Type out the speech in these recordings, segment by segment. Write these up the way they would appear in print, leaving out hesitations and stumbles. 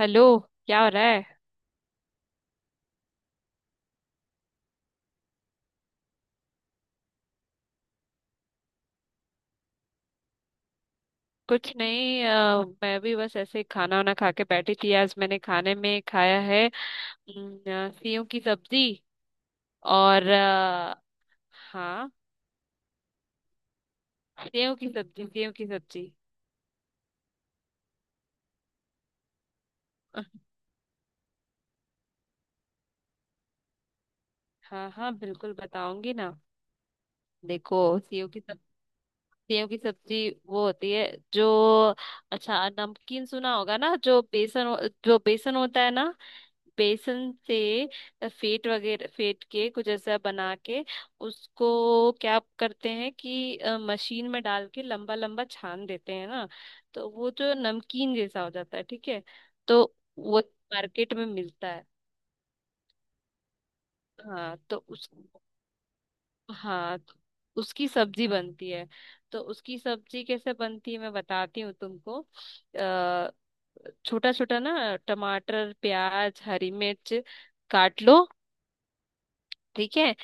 Hello. क्या हो रहा है? कुछ नहीं, मैं भी बस ऐसे ही खाना वाना खा के बैठी थी। आज मैंने खाने में खाया है सेव की सब्जी। और हाँ, सेव की सब्जी। हाँ हाँ, बिल्कुल बताऊंगी ना। देखो, सेव की सब्जी, सेव की सब्जी वो होती है जो, अच्छा, नमकीन सुना होगा ना, जो बेसन होता है ना, बेसन से फेट के कुछ ऐसा बना के उसको क्या करते हैं कि मशीन में डाल के लंबा लंबा छान देते हैं ना, तो वो जो नमकीन जैसा हो जाता है। ठीक है, तो वो मार्केट में मिलता है। हाँ तो हाँ तो उसकी सब्जी बनती है। तो उसकी सब्जी कैसे बनती है मैं बताती हूँ तुमको। अ छोटा छोटा ना टमाटर प्याज हरी मिर्च काट लो। ठीक है।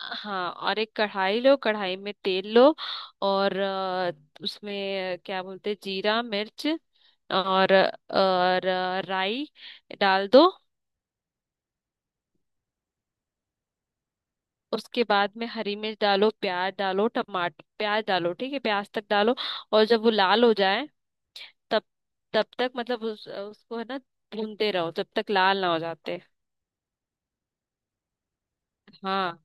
हाँ, और एक कढ़ाई लो, कढ़ाई में तेल लो, और उसमें क्या बोलते हैं, जीरा मिर्च और राई डाल दो। उसके बाद में हरी मिर्च डालो, प्याज डालो, ठीक है, प्याज तक डालो। और जब वो लाल हो जाए, तब, तब तक मतलब उसको है ना, भूनते रहो जब तक लाल ना हो जाते। हाँ,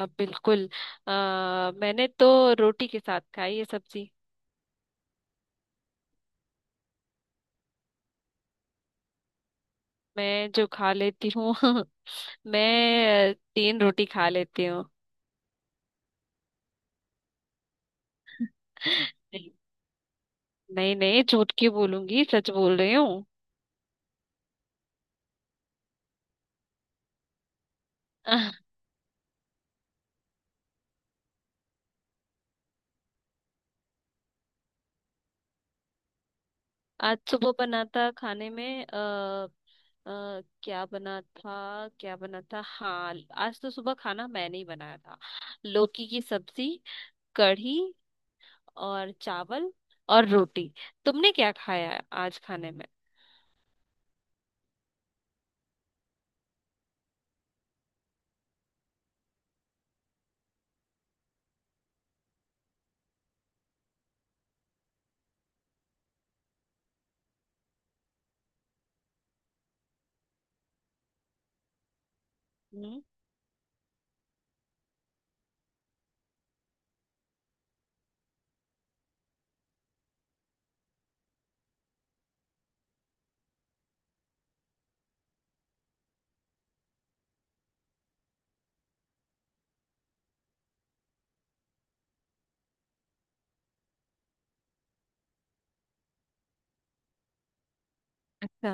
अब बिल्कुल, मैंने तो रोटी के साथ खाई ये सब्जी। मैं जो खा लेती हूँ मैं तीन रोटी खा लेती हूँ। नहीं नहीं, झूठ क्यों बोलूंगी, सच बोल रही हूँ। आह, आज सुबह बना था खाने में, आ, अ क्या बना था क्या बना था, हाँ, आज तो सुबह खाना मैंने ही बनाया था। लौकी की सब्जी, कढ़ी, और चावल, और रोटी। तुमने क्या खाया आज खाने में? हम्म। अच्छा।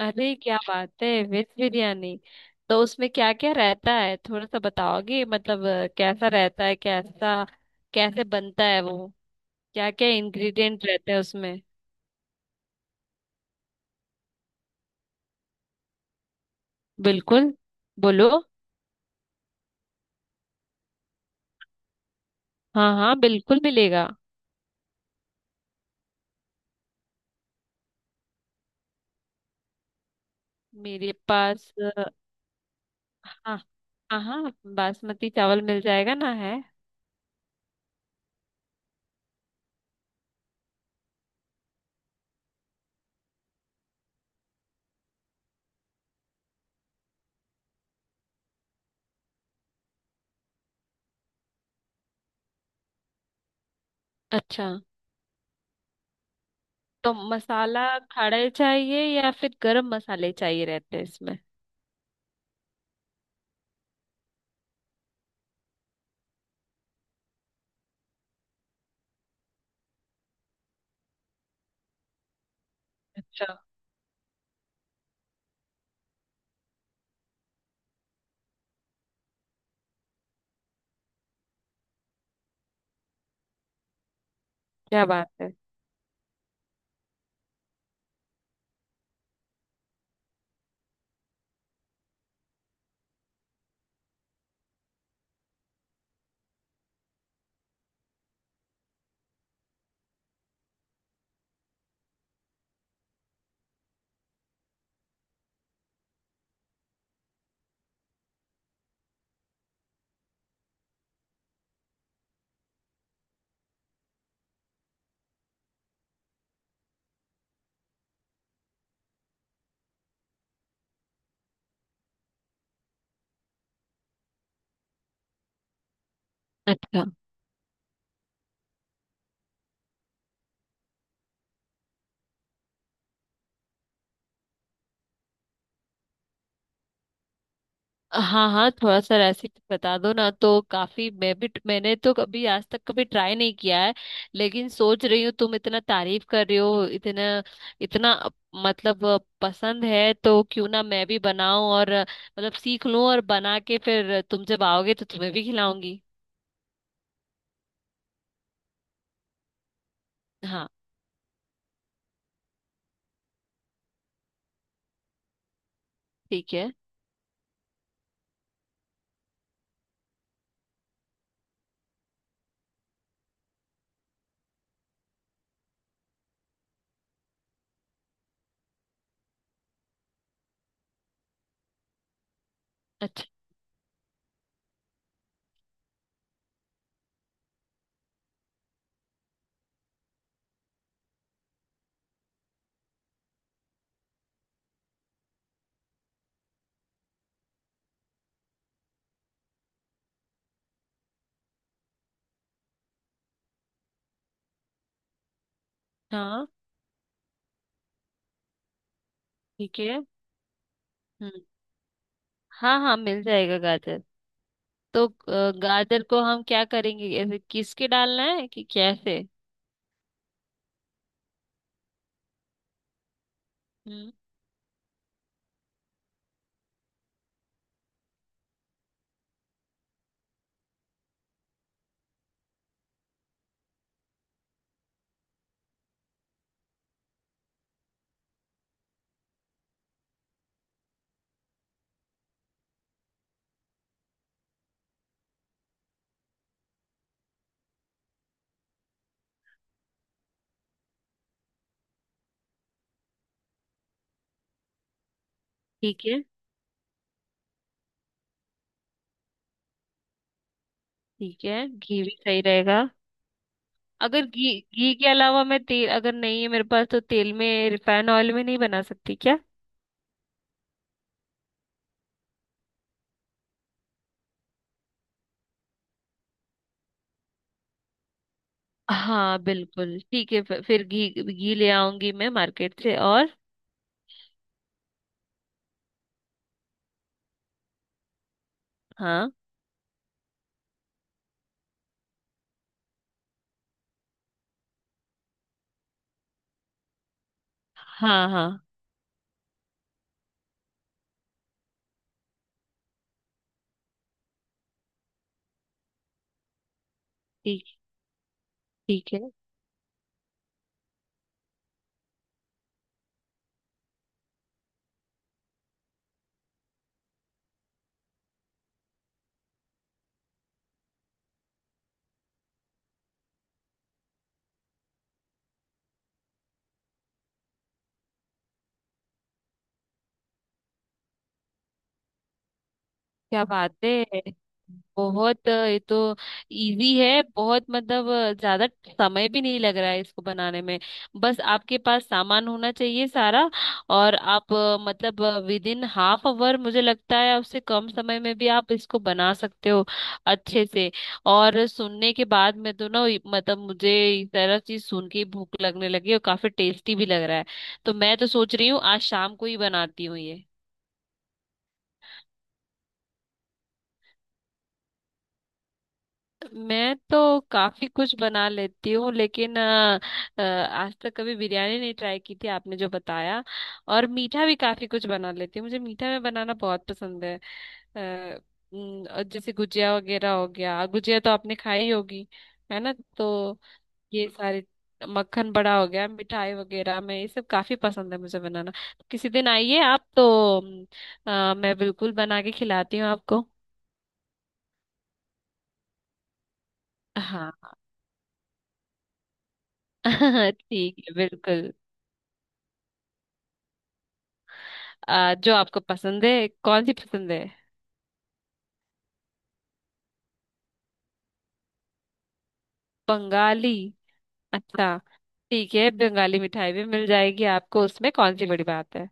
अरे क्या बात है, वेज बिरयानी! तो उसमें क्या क्या रहता है, थोड़ा सा बताओगे, मतलब कैसा रहता है, कैसा कैसे बनता है वो, क्या क्या इंग्रेडिएंट रहते हैं उसमें? बिल्कुल, बोलो। हाँ हाँ, बिल्कुल मिलेगा। मेरे पास अ, हाँ, हाँ, बासमती चावल मिल जाएगा ना, है। अच्छा, तो मसाला खड़े चाहिए या फिर गरम मसाले चाहिए रहते हैं इसमें? अच्छा। क्या बात है। अच्छा, हाँ हाँ, थोड़ा सा रेसिपी बता दो ना, तो काफी, मैं भी, मैंने तो कभी आज तक कभी ट्राई नहीं किया है। लेकिन सोच रही हूँ, तुम इतना तारीफ कर रही हो, इतना इतना अ, मतलब अ, पसंद है तो क्यों ना मैं भी बनाऊं, और मतलब सीख लूं, और बना के फिर तुम जब आओगे तो तुम्हें भी खिलाऊंगी। हाँ ठीक है। अच्छा। हाँ ठीक है। हम्म। हाँ हाँ, मिल जाएगा गाजर। तो गाजर को हम क्या करेंगे, ऐसे किस के डालना है कि कैसे? हम्म। ठीक है। ठीक है, घी भी सही रहेगा। अगर घी घी के अलावा, मैं तेल, अगर नहीं है मेरे पास, तो तेल में, रिफाइन ऑयल में नहीं बना सकती क्या? हाँ बिल्कुल ठीक है, फिर घी घी ले आऊंगी मैं मार्केट से। और हाँ हाँ हाँ। ठीक, ठीक है। क्या बात है। बहुत ये तो इजी है बहुत, मतलब ज्यादा समय भी नहीं लग रहा है इसको बनाने में। बस आपके पास सामान होना चाहिए सारा, और आप मतलब विद इन हाफ आवर, मुझे लगता है उससे कम समय में भी आप इसको बना सकते हो, अच्छे से। और सुनने के बाद में तो ना मतलब मुझे इस तरह चीज सुन के ही भूख लगने लगी, और काफी टेस्टी भी लग रहा है। तो मैं तो सोच रही हूँ आज शाम को ही बनाती हूँ ये। मैं तो काफी कुछ बना लेती हूँ लेकिन आज तक कभी बिरयानी नहीं ट्राई की थी, आपने जो बताया। और मीठा भी काफी कुछ बना लेती हूँ, मुझे मीठा में बनाना बहुत पसंद है। अ, और जैसे गुजिया वगैरह हो गया, गुजिया तो आपने खाई होगी, है ना? तो ये सारे, मक्खन बड़ा हो गया, मिठाई वगैरह में, ये सब काफी पसंद है मुझे बनाना। तो किसी दिन आइए आप तो, मैं बिल्कुल बना के खिलाती हूँ आपको। हाँ ठीक है बिल्कुल। जो आपको पसंद है, कौन सी पसंद है? बंगाली। अच्छा, ठीक है, बंगाली मिठाई भी मिल जाएगी आपको, उसमें कौन सी बड़ी बात है।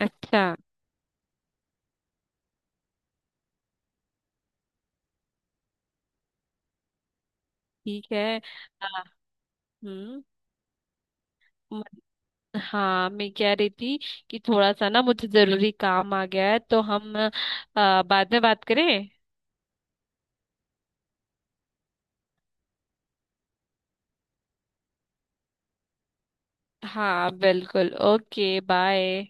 अच्छा। ठीक है। आ, हम्म। म- हाँ, मैं कह रही थी कि थोड़ा सा ना मुझे जरूरी काम आ गया है, तो हम बाद में बात करें? हाँ बिल्कुल, ओके, बाय।